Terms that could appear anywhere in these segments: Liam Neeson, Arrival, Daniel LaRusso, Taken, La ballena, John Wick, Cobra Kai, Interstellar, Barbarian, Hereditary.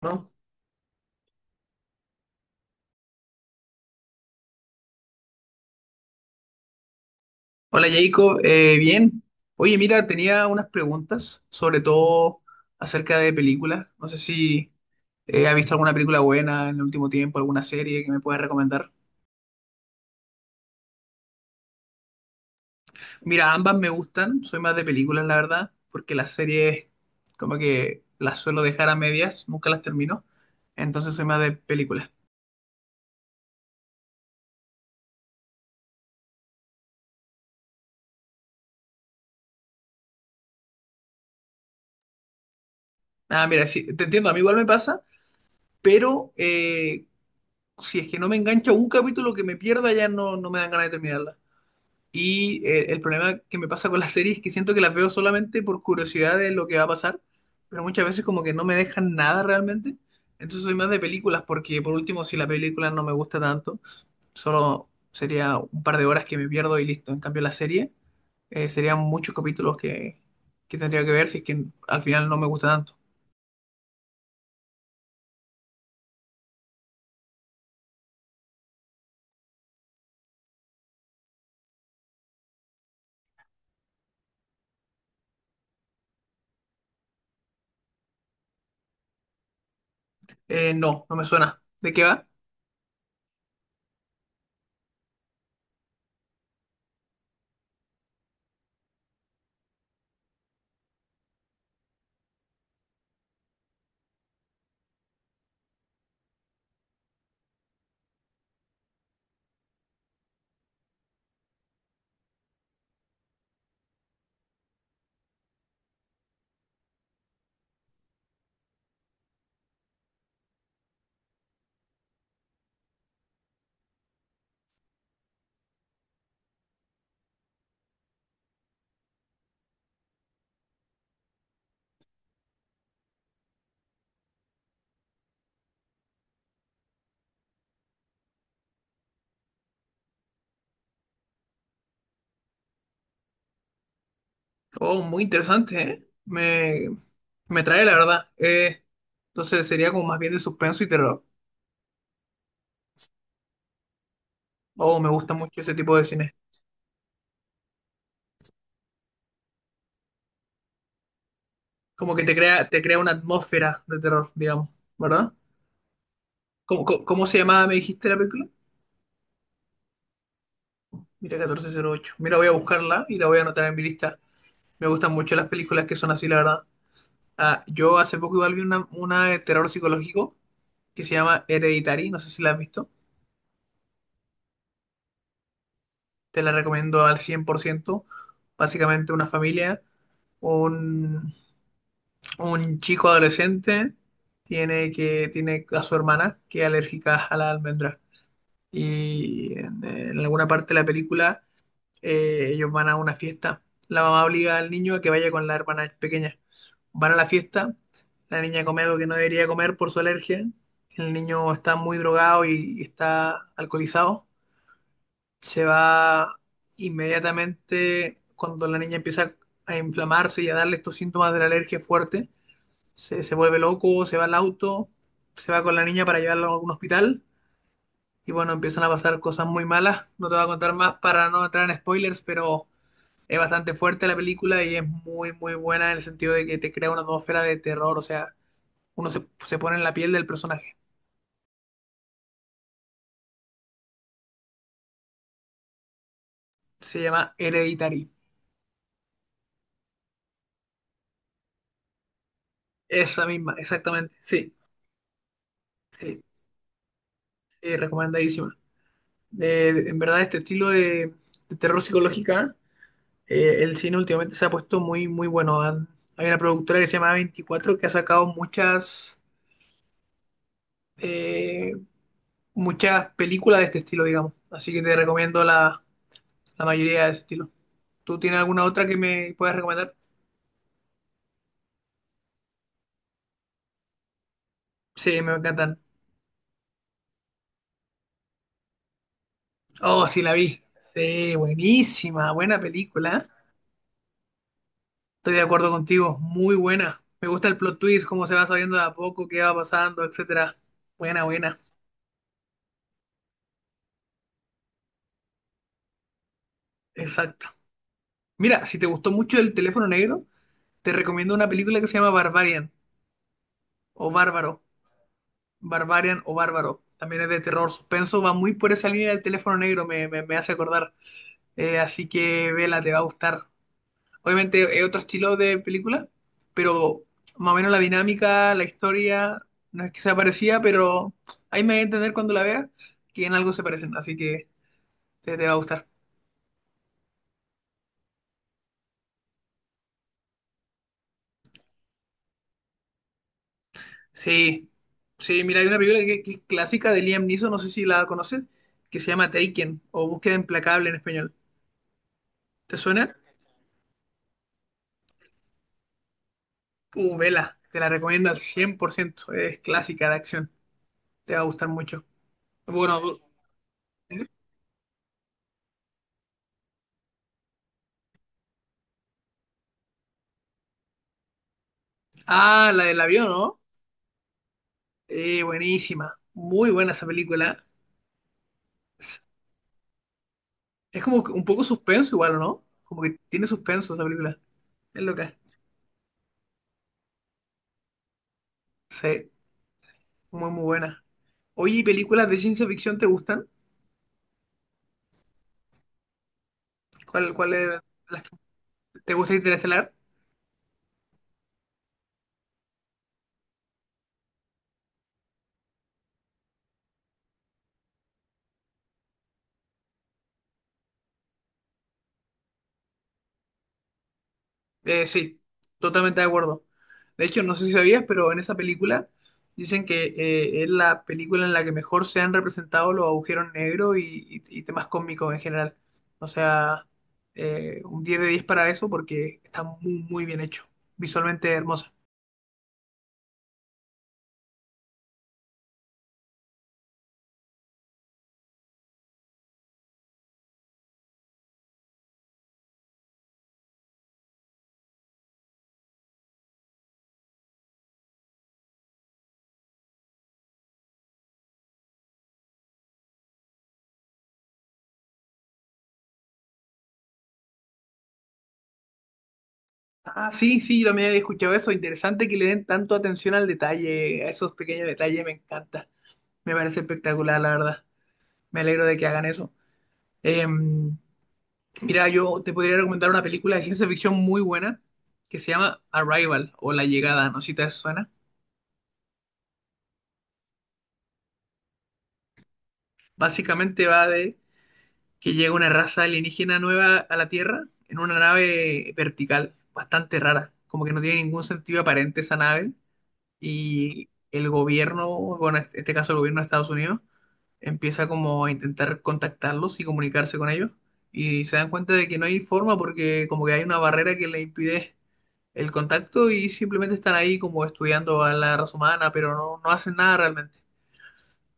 ¿No? Hola Jacob, bien. Oye, mira, tenía unas preguntas, sobre todo acerca de películas. No sé si has visto alguna película buena en el último tiempo, alguna serie que me puedas recomendar. Mira, ambas me gustan, soy más de películas, la verdad, porque las series como que las suelo dejar a medias, nunca las termino, entonces soy más de películas. Ah, mira, sí, te entiendo, a mí igual me pasa, pero si es que no me engancha un capítulo que me pierda, ya no, no me dan ganas de terminarla. Y el problema que me pasa con las series es que siento que las veo solamente por curiosidad de lo que va a pasar, pero muchas veces como que no me dejan nada realmente. Entonces soy más de películas porque por último si la película no me gusta tanto, solo sería un par de horas que me pierdo y listo. En cambio la serie serían muchos capítulos que tendría que ver si es que al final no me gusta tanto. No, no me suena. ¿De qué va? Oh, muy interesante, ¿eh? Me trae la verdad. Entonces sería como más bien de suspenso y terror. Oh, me gusta mucho ese tipo de cine. Como que te crea una atmósfera de terror, digamos, ¿verdad? Cómo se llamaba, me dijiste la película? Mira, 1408. Mira, voy a buscarla y la voy a anotar en mi lista. Me gustan mucho las películas que son así, la verdad. Ah, yo hace poco igual vi una de terror psicológico que se llama Hereditary, no sé si la has visto. Te la recomiendo al 100%. Básicamente una familia, un, un chico adolescente tiene a su hermana que es alérgica a la almendra y en alguna parte de la película ellos van a una fiesta. La mamá obliga al niño a que vaya con la hermana pequeña. Van a la fiesta, la niña come algo que no debería comer por su alergia, el niño está muy drogado y está alcoholizado. Se va inmediatamente cuando la niña empieza a inflamarse y a darle estos síntomas de la alergia fuerte. Se vuelve loco, se va al auto, se va con la niña para llevarla a algún hospital y bueno, empiezan a pasar cosas muy malas. No te voy a contar más para no entrar en spoilers, pero es bastante fuerte la película y es muy, muy buena en el sentido de que te crea una atmósfera de terror, o sea, se pone en la piel del personaje. Se llama Hereditary. Esa misma, exactamente. Sí, sí, sí, recomendadísima. En verdad, este estilo de terror psicológica, el cine últimamente se ha puesto muy, muy bueno. Hay una productora que se llama 24 que ha sacado muchas eh, muchas películas de este estilo, digamos. Así que te recomiendo la mayoría de ese estilo. ¿Tú tienes alguna otra que me puedas recomendar? Sí, me encantan. Oh, sí, la vi. Sí, buenísima, buena película. Estoy de acuerdo contigo, muy buena. Me gusta el plot twist, cómo se va sabiendo de a poco, qué va pasando, etcétera. Buena, buena. Exacto. Mira, si te gustó mucho el teléfono negro, te recomiendo una película que se llama Barbarian o Bárbaro. Barbarian o Bárbaro. También es de terror suspenso, va muy por esa línea del teléfono negro, me hace acordar. Así que vela, te va a gustar. Obviamente es otro estilo de película, pero más o menos la dinámica, la historia, no es que sea parecida, pero ahí me voy a entender cuando la vea que en algo se parecen, así que te va a gustar. Sí, sí, mira, hay una película que es clásica de Liam Neeson, no sé si la conoces, que se llama Taken o Búsqueda Implacable en español. ¿Te suena? Vela, te la recomiendo al cien por ciento, es clásica de acción, te va a gustar mucho. Bueno, ¿eh? Ah, la del avión, ¿no? Buenísima, muy buena esa película. Es, es como que un poco suspenso igual, ¿o ¿no? Como que tiene suspenso esa película. Es loca. Sí, muy, muy buena. Oye, ¿y películas de ciencia ficción te gustan? ¿Cuál es las que te gusta Interestelar? Sí, totalmente de acuerdo. De hecho, no sé si sabías, pero en esa película dicen que es la película en la que mejor se han representado los agujeros negros y temas cósmicos en general. O sea, un 10 de 10 para eso porque está muy, muy bien hecho. Visualmente hermosa. Ah, sí, sí, yo también he escuchado eso. Interesante que le den tanto atención al detalle, a esos pequeños detalles, me encanta. Me parece espectacular, la verdad. Me alegro de que hagan eso. Eh, Mira, yo te podría recomendar una película de ciencia ficción muy buena que se llama Arrival o La Llegada, no sé si te suena. Básicamente va de que llega una raza alienígena nueva a la Tierra en una nave vertical, bastante rara, como que no tiene ningún sentido aparente esa nave y el gobierno, bueno, en este caso el gobierno de Estados Unidos, empieza como a intentar contactarlos y comunicarse con ellos y se dan cuenta de que no hay forma porque como que hay una barrera que le impide el contacto y simplemente están ahí como estudiando a la raza humana, pero no, no hacen nada realmente.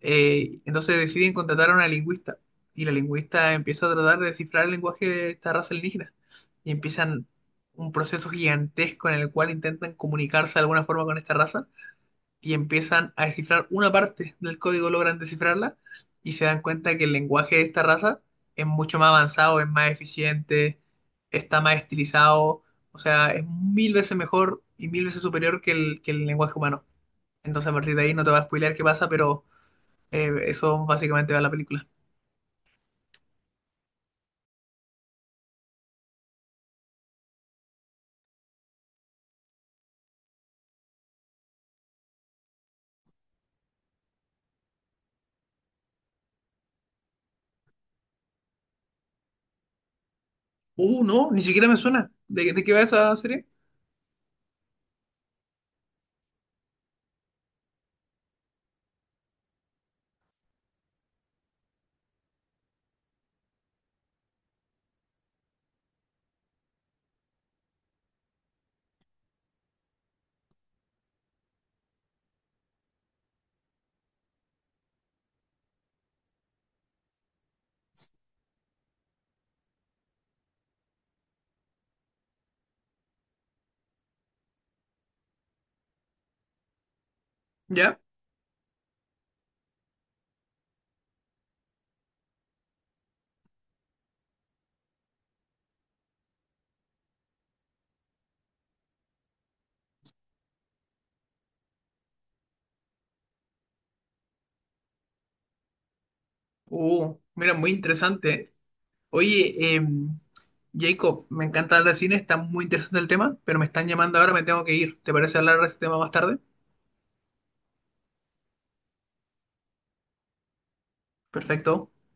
Entonces deciden contratar a una lingüista y la lingüista empieza a tratar de descifrar el lenguaje de esta raza alienígena y empiezan un proceso gigantesco en el cual intentan comunicarse de alguna forma con esta raza y empiezan a descifrar una parte del código, logran descifrarla y se dan cuenta que el lenguaje de esta raza es mucho más avanzado, es más eficiente, está más estilizado, o sea, es mil veces mejor y mil veces superior que que el lenguaje humano. Entonces a partir de ahí no te va a spoilear qué pasa, pero eso básicamente va a la película. No, ni siquiera me suena. De qué va esa serie? ¿Ya? Mira, muy interesante. ¿Eh? Oye, Jacob, me encanta hablar de cine, está muy interesante el tema, pero me están llamando ahora, me tengo que ir. ¿Te parece hablar de ese tema más tarde? Perfecto.